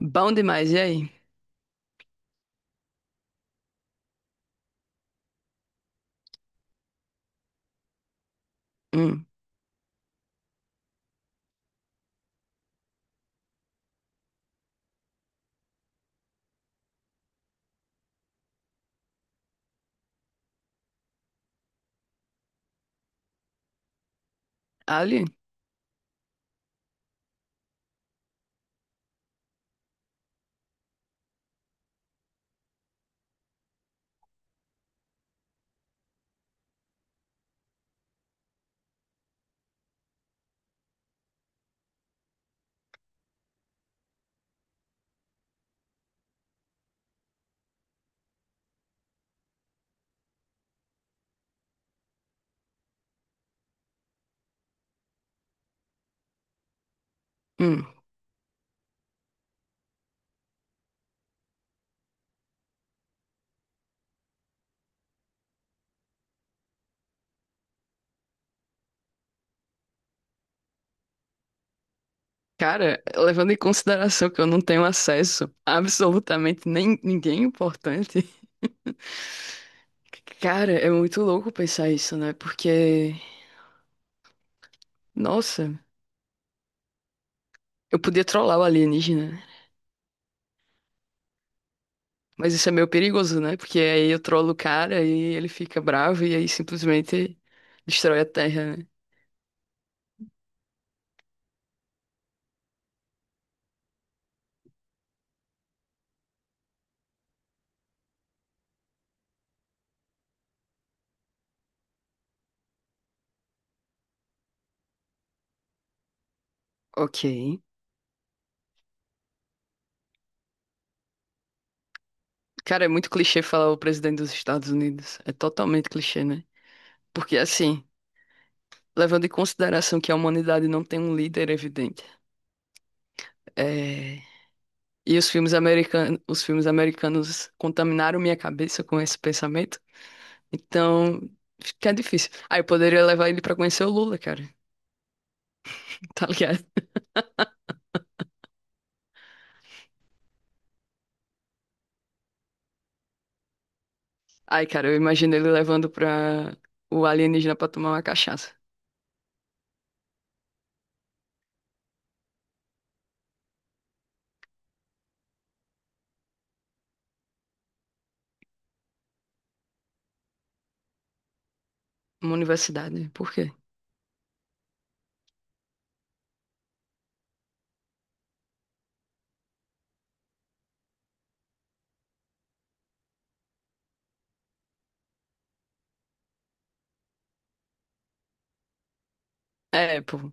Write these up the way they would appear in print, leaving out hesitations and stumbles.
Bom demais, e aí? Hum, ali? Hum. Cara, levando em consideração que eu não tenho acesso a absolutamente nem ninguém importante, cara, é muito louco pensar isso, né? Porque, nossa, eu podia trollar o alienígena, né? Mas isso é meio perigoso, né? Porque aí eu trollo o cara e ele fica bravo e aí simplesmente destrói a Terra, né? Ok. Cara, é muito clichê falar o presidente dos Estados Unidos. É totalmente clichê, né? Porque assim, levando em consideração que a humanidade não tem um líder evidente. É, e os filmes americanos contaminaram minha cabeça com esse pensamento. Então, fica difícil. Aí eu poderia levar ele pra conhecer o Lula, cara. Tá ligado? Aí, cara, eu imagino ele levando pra o alienígena pra tomar uma cachaça. Uma universidade. Por quê? É, pô.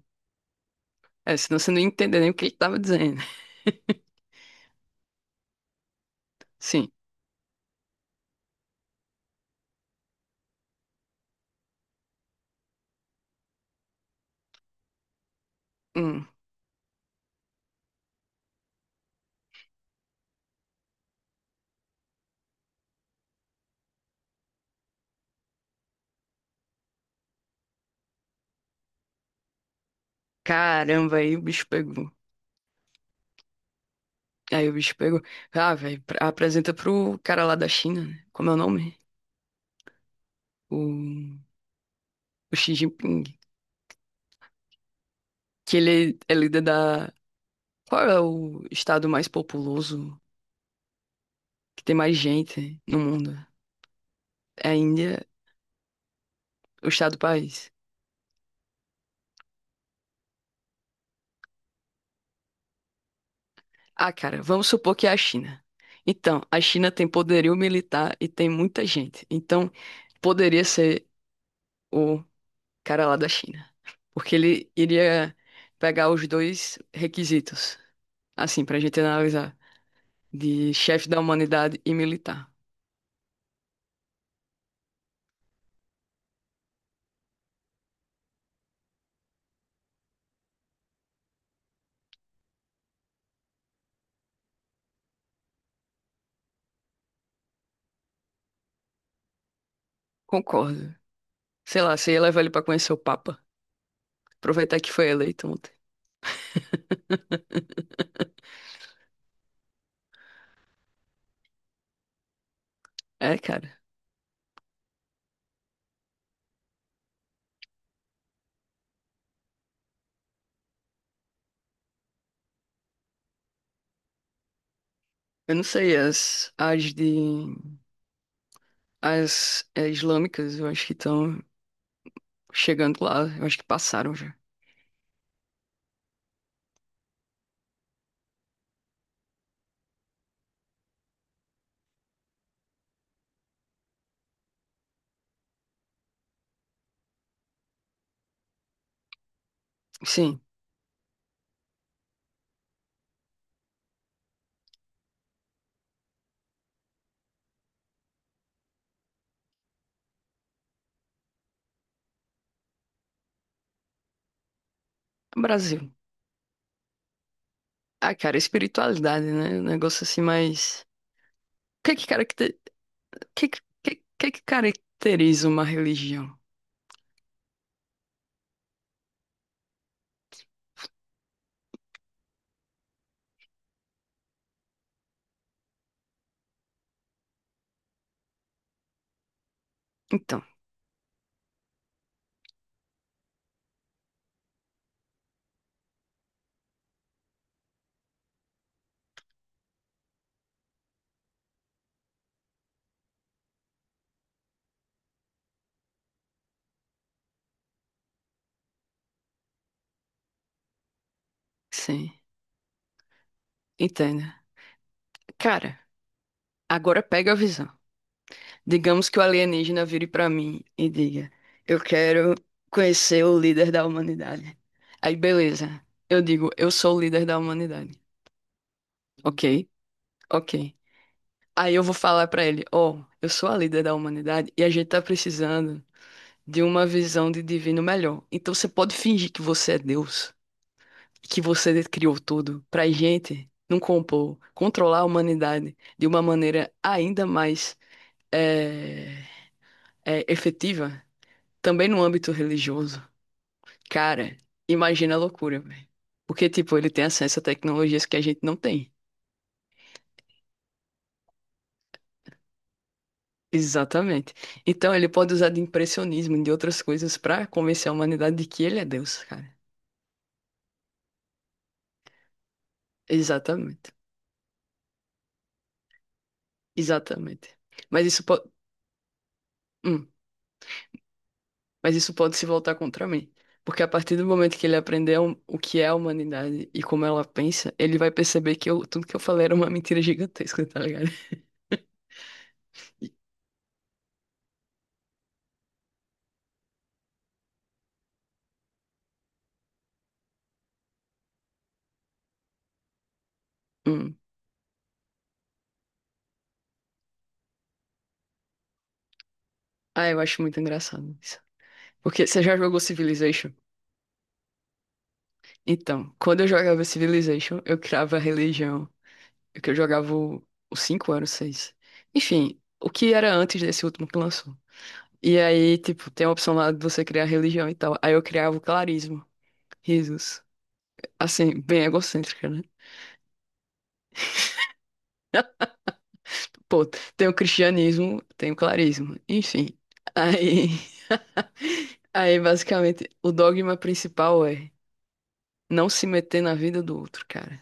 É, senão você não ia entender nem o que ele tava dizendo. Sim. Hum. Caramba, aí o bicho pegou. Aí o bicho pegou. Ah, velho, apresenta pro cara lá da China, né? Como é o nome? O, o Xi Jinping. Que ele é líder da. Qual é o estado mais populoso, que tem mais gente no mundo? É a Índia, o estado país. Ah, cara, vamos supor que é a China. Então, a China tem poderio militar e tem muita gente. Então, poderia ser o cara lá da China. Porque ele iria pegar os dois requisitos, assim, pra gente analisar, de chefe da humanidade e militar. Concordo. Sei lá, você ia levar ele pra conhecer o Papa. Aproveitar que foi eleito ontem. É, cara. Eu não sei, as de. As é, islâmicas, eu acho que estão chegando lá. Eu acho que passaram já. Sim, Brasil. Ah, cara, espiritualidade, né? Um negócio assim mais. O que que, caracter... o que, que caracteriza uma religião? Então, sim, entenda. Cara, agora pega a visão. Digamos que o alienígena vire pra mim e diga: eu quero conhecer o líder da humanidade. Aí, beleza. Eu digo: eu sou o líder da humanidade. Ok, ok. Aí eu vou falar pra ele: ó, eu sou a líder da humanidade e a gente tá precisando de uma visão de divino melhor. Então você pode fingir que você é Deus, que você criou tudo pra gente não compor, controlar a humanidade de uma maneira ainda mais eh, efetiva, também no âmbito religioso. Cara, imagina a loucura, velho. Porque, tipo, ele tem acesso a tecnologias que a gente não tem. Exatamente. Então ele pode usar de impressionismo, e de outras coisas, pra convencer a humanidade de que ele é Deus, cara. Exatamente. Exatamente. Mas isso pode. Mas isso pode se voltar contra mim. Porque a partir do momento que ele aprender o que é a humanidade e como ela pensa, ele vai perceber que tudo que eu falei era uma mentira gigantesca, tá ligado? Hum. Ah, eu acho muito engraçado isso. Porque você já jogou Civilization? Então, quando eu jogava Civilization, eu criava a religião. Que eu jogava o- Os 5 anos, 6, enfim, o que era antes desse último que lançou. E aí, tipo, tem a opção lá de você criar religião e tal. Aí eu criava o clarismo. Risos. Assim, bem egocêntrica, né? Pô, tem o cristianismo, tem o clarismo, enfim. Aí, aí basicamente, o dogma principal é não se meter na vida do outro, cara.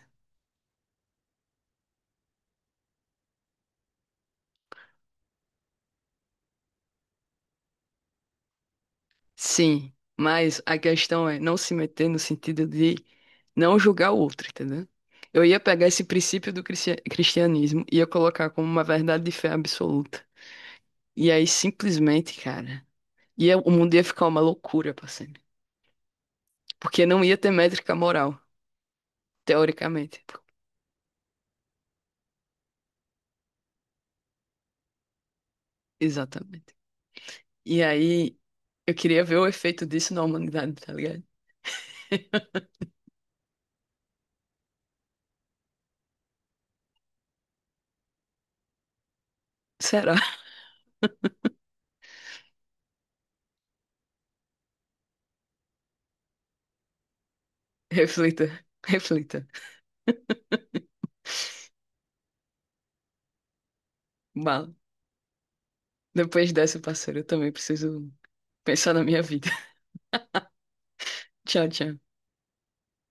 Sim, mas a questão é não se meter no sentido de não julgar o outro, entendeu? Eu ia pegar esse princípio do cristianismo e ia colocar como uma verdade de fé absoluta. E aí, simplesmente, cara, ia, o mundo ia ficar uma loucura, parceiro. Porque não ia ter métrica moral, teoricamente. Exatamente. E aí, eu queria ver o efeito disso na humanidade, tá ligado? Será? Reflita, reflita. Mal. Depois dessa, parceiro, eu também preciso pensar na minha vida. Tchau, tchau.